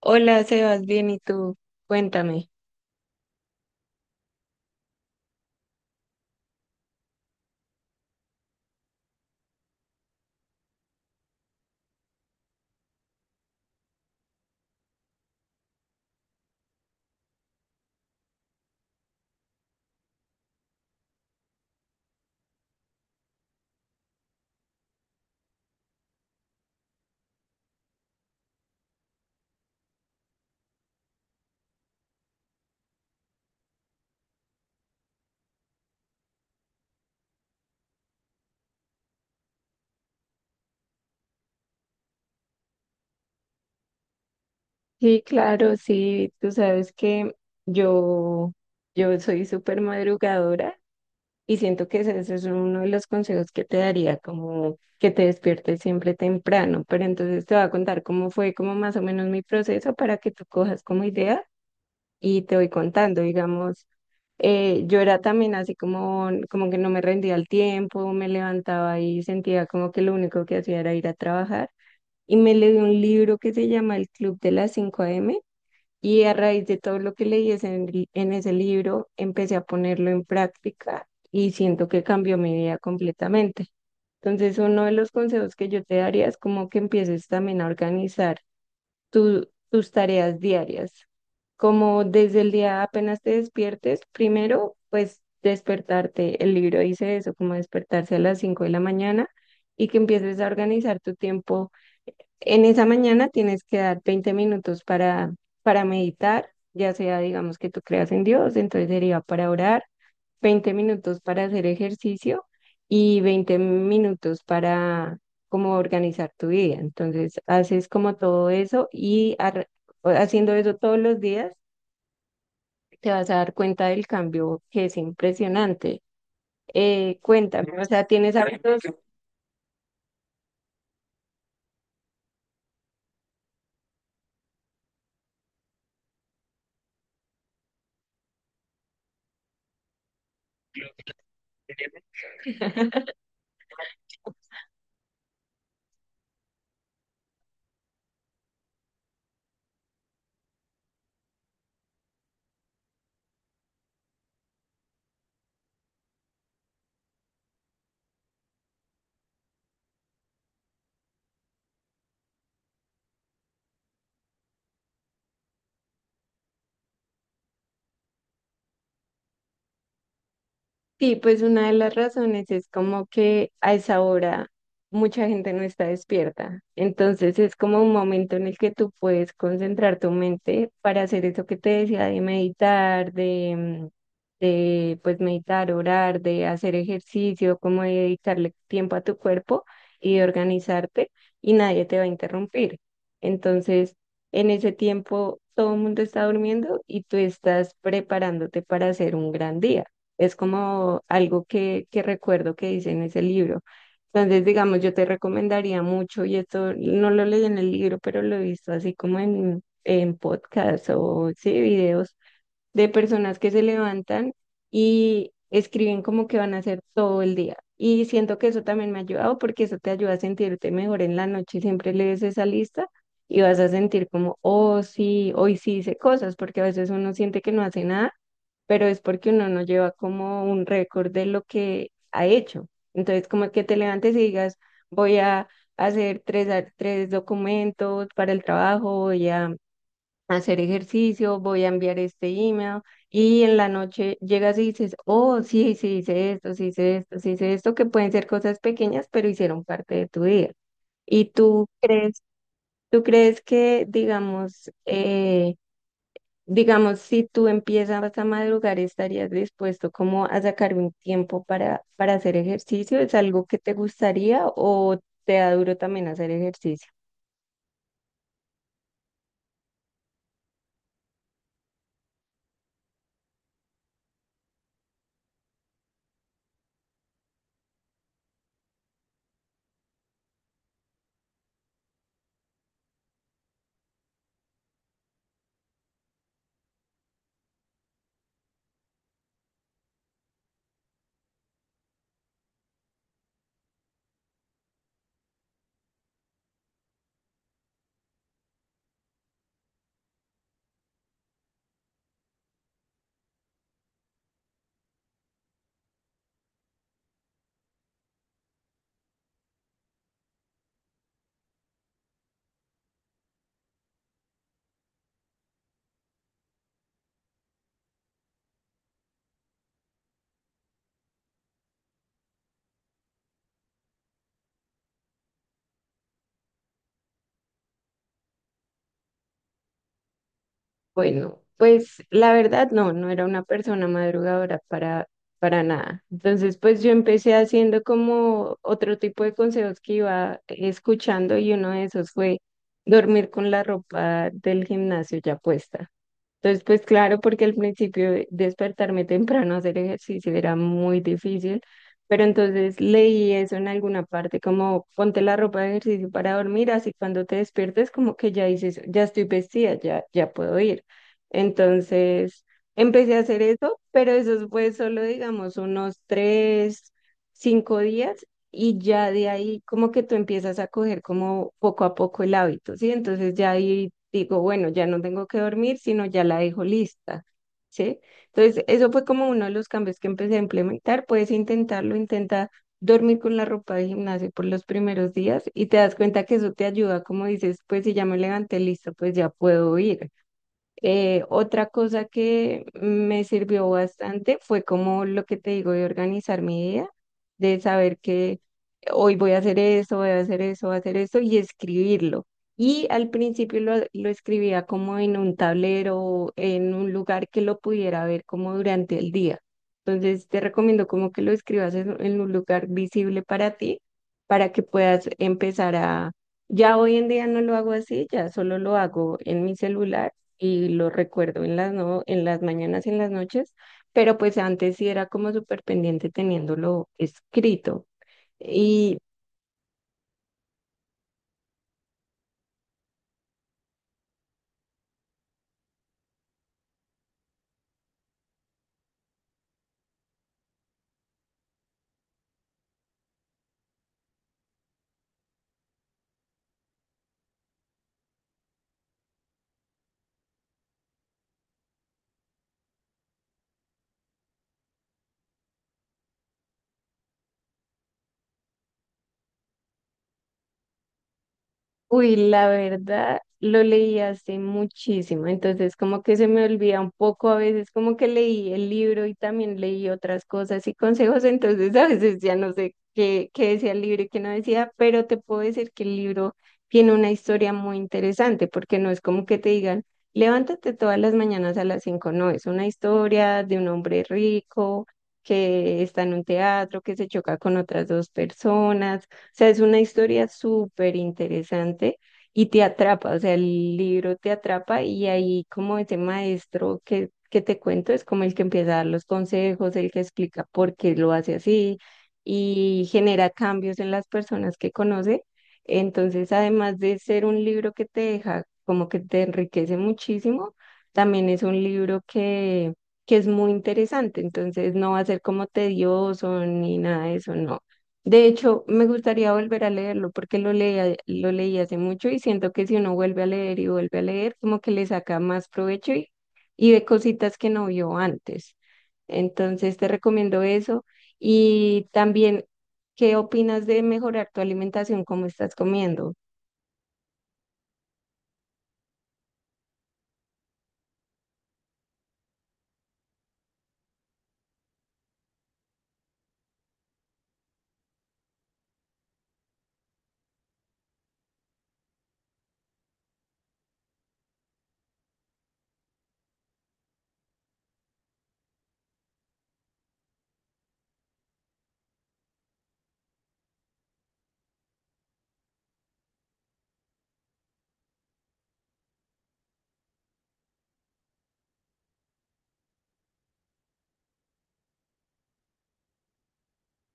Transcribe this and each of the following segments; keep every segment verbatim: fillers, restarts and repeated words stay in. Hola, Sebas, bien, ¿y tú? Cuéntame. Sí, claro, sí, tú sabes que yo, yo soy súper madrugadora y siento que ese, ese es uno de los consejos que te daría, como que te despiertes siempre temprano, pero entonces te voy a contar cómo fue como más o menos mi proceso para que tú cojas como idea y te voy contando, digamos, eh, yo era también así como, como que no me rendía el tiempo, me levantaba y sentía como que lo único que hacía era ir a trabajar. Y me leí un libro que se llama El Club de las 5 m y a raíz de todo lo que leí ese- en, en ese libro empecé a ponerlo en práctica y siento que cambió mi vida completamente. Entonces, uno de los consejos que yo te daría es como que empieces también a organizar tu- tus tareas diarias. Como desde el día apenas te despiertes, primero, pues despertarte, el libro dice eso, como despertarse a las cinco de la mañana y que empieces a organizar tu tiempo en esa mañana tienes que dar veinte minutos para, para meditar, ya sea, digamos, que tú creas en Dios, entonces sería para orar, veinte minutos para hacer ejercicio y veinte minutos para como organizar tu vida. Entonces, haces como todo eso y ar- haciendo eso todos los días, te vas a dar cuenta del cambio que es impresionante. Eh, cuéntame, o sea, ¿tienes hábitos? Sí, pues una de las razones es como que a esa hora mucha gente no está despierta. Entonces es como un momento en el que tú puedes concentrar tu mente para hacer eso que te decía de meditar, de, mm, de pues meditar, orar, de hacer ejercicio, como de dedicarle tiempo a tu cuerpo y de organizarte y nadie te va a interrumpir. Entonces, en ese tiempo todo el mundo está durmiendo y tú estás preparándote para hacer un gran día. Es como algo que, que recuerdo que dice en ese libro. Entonces, digamos, yo te recomendaría mucho, y esto no lo leí en el libro, pero lo he visto así como en, en podcasts o sí, videos de personas que se levantan y escriben como que van a hacer todo el día. Y siento que eso también me ha ayudado porque eso te ayuda a sentirte mejor en la noche. Siempre lees esa lista y vas a sentir como, oh, sí, hoy sí hice cosas, porque a veces uno siente que no hace nada pero es porque uno no lleva como un récord de lo que ha hecho. Entonces, como que te levantes y digas, voy a hacer tres, ar- tres documentos para el trabajo, voy a hacer ejercicio, voy a enviar este email y en la noche llegas y dices, oh, sí, sí hice esto, sí hice esto, sí hice esto, que pueden ser cosas pequeñas, pero hicieron parte de tu día. Y tú crees, Tú crees que, digamos, eh, digamos, si tú empiezas a madrugar, ¿estarías dispuesto como a sacar un tiempo para, para hacer ejercicio? ¿Es algo que te gustaría o te da duro también hacer ejercicio? Bueno, pues la verdad no, no era una persona madrugadora para, para nada. Entonces, pues yo empecé haciendo como otro tipo de consejos que iba escuchando y uno de esos fue dormir con la ropa del gimnasio ya puesta. Entonces, pues claro, porque al principio de- despertarme temprano a hacer ejercicio era muy difícil, pero entonces leí eso en alguna parte, como ponte la ropa de ejercicio para dormir, así cuando te despiertes como que ya dices, ya estoy vestida, ya, ya puedo ir. Entonces, empecé a hacer eso, pero eso fue solo, digamos, unos tres, cinco días y ya de ahí como que tú empiezas a coger como poco a poco el hábito, ¿sí? Entonces ya ahí digo, bueno, ya no tengo que dormir, sino ya la dejo lista, ¿sí? Entonces, eso fue como uno de los cambios que empecé a implementar. Puedes intentarlo, intenta dormir con la ropa de gimnasio por los primeros días y te das cuenta que eso te ayuda, como dices, pues si ya me levanté lista, pues ya puedo ir. Eh, otra cosa que me sirvió bastante fue como lo que te digo de organizar mi día, de saber que hoy voy a hacer esto, voy a hacer eso, voy a hacer esto y escribirlo. Y al principio lo, lo escribía como en un tablero, en un lugar que lo pudiera ver como durante el día. Entonces te recomiendo como que lo escribas en, en un lugar visible para ti, para que puedas empezar a... Ya hoy en día no lo hago así, ya solo lo hago en mi celular y lo recuerdo en las, no, en las mañanas y en las noches, pero pues antes sí era como súper pendiente teniéndolo escrito. Uy, la verdad, lo leí hace muchísimo, entonces como que se me olvida un poco a veces, como que leí el libro y también leí otras cosas y consejos, entonces a veces ya no sé qué, qué decía el libro y qué no decía, pero te puedo decir que el libro tiene una historia muy interesante, porque no es como que te digan, levántate todas las mañanas a las cinco, no, es una historia de un hombre rico que está en un teatro, que se choca con otras dos personas sea, es una historia súper interesante y te atrapa, o sea, el libro te atrapa y ahí como ese maestro que, que te cuento es como el que empieza a dar los consejos, el que explica por qué lo hace así y genera cambios en las personas que conoce. Entonces, además de ser un libro que te deja, como que te enriquece muchísimo, también es un libro que, que es muy interesante, entonces no va a ser como tedioso ni nada de eso, no. De hecho, me gustaría volver a leerlo porque lo leí, lo leí hace mucho y siento que si uno vuelve a leer y vuelve a leer, como que le saca más provecho y, y ve cositas que no vio antes. Entonces, te recomiendo eso. Y también, ¿qué opinas de mejorar tu alimentación? ¿Cómo estás comiendo?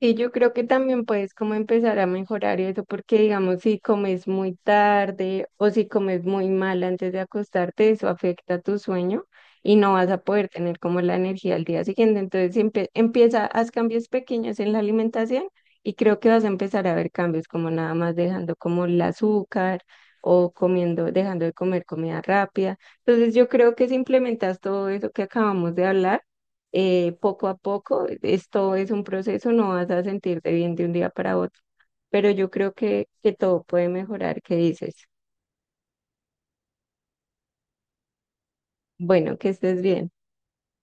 Y yo creo que también puedes como empezar a mejorar eso, porque digamos, si comes muy tarde o si comes muy mal antes de acostarte, eso afecta tu sueño y no vas a poder tener como la energía al día siguiente. Entonces, empie- empieza, haz cambios pequeños en la alimentación y creo que vas a empezar a ver cambios como nada más dejando como el azúcar o comiendo, dejando de comer comida rápida. Entonces, yo creo que si implementas todo eso que acabamos de hablar, eh, poco a poco, esto es un proceso, no vas a sentirte bien de un día para otro, pero yo creo que, que todo puede mejorar, ¿qué dices? Bueno, que estés bien.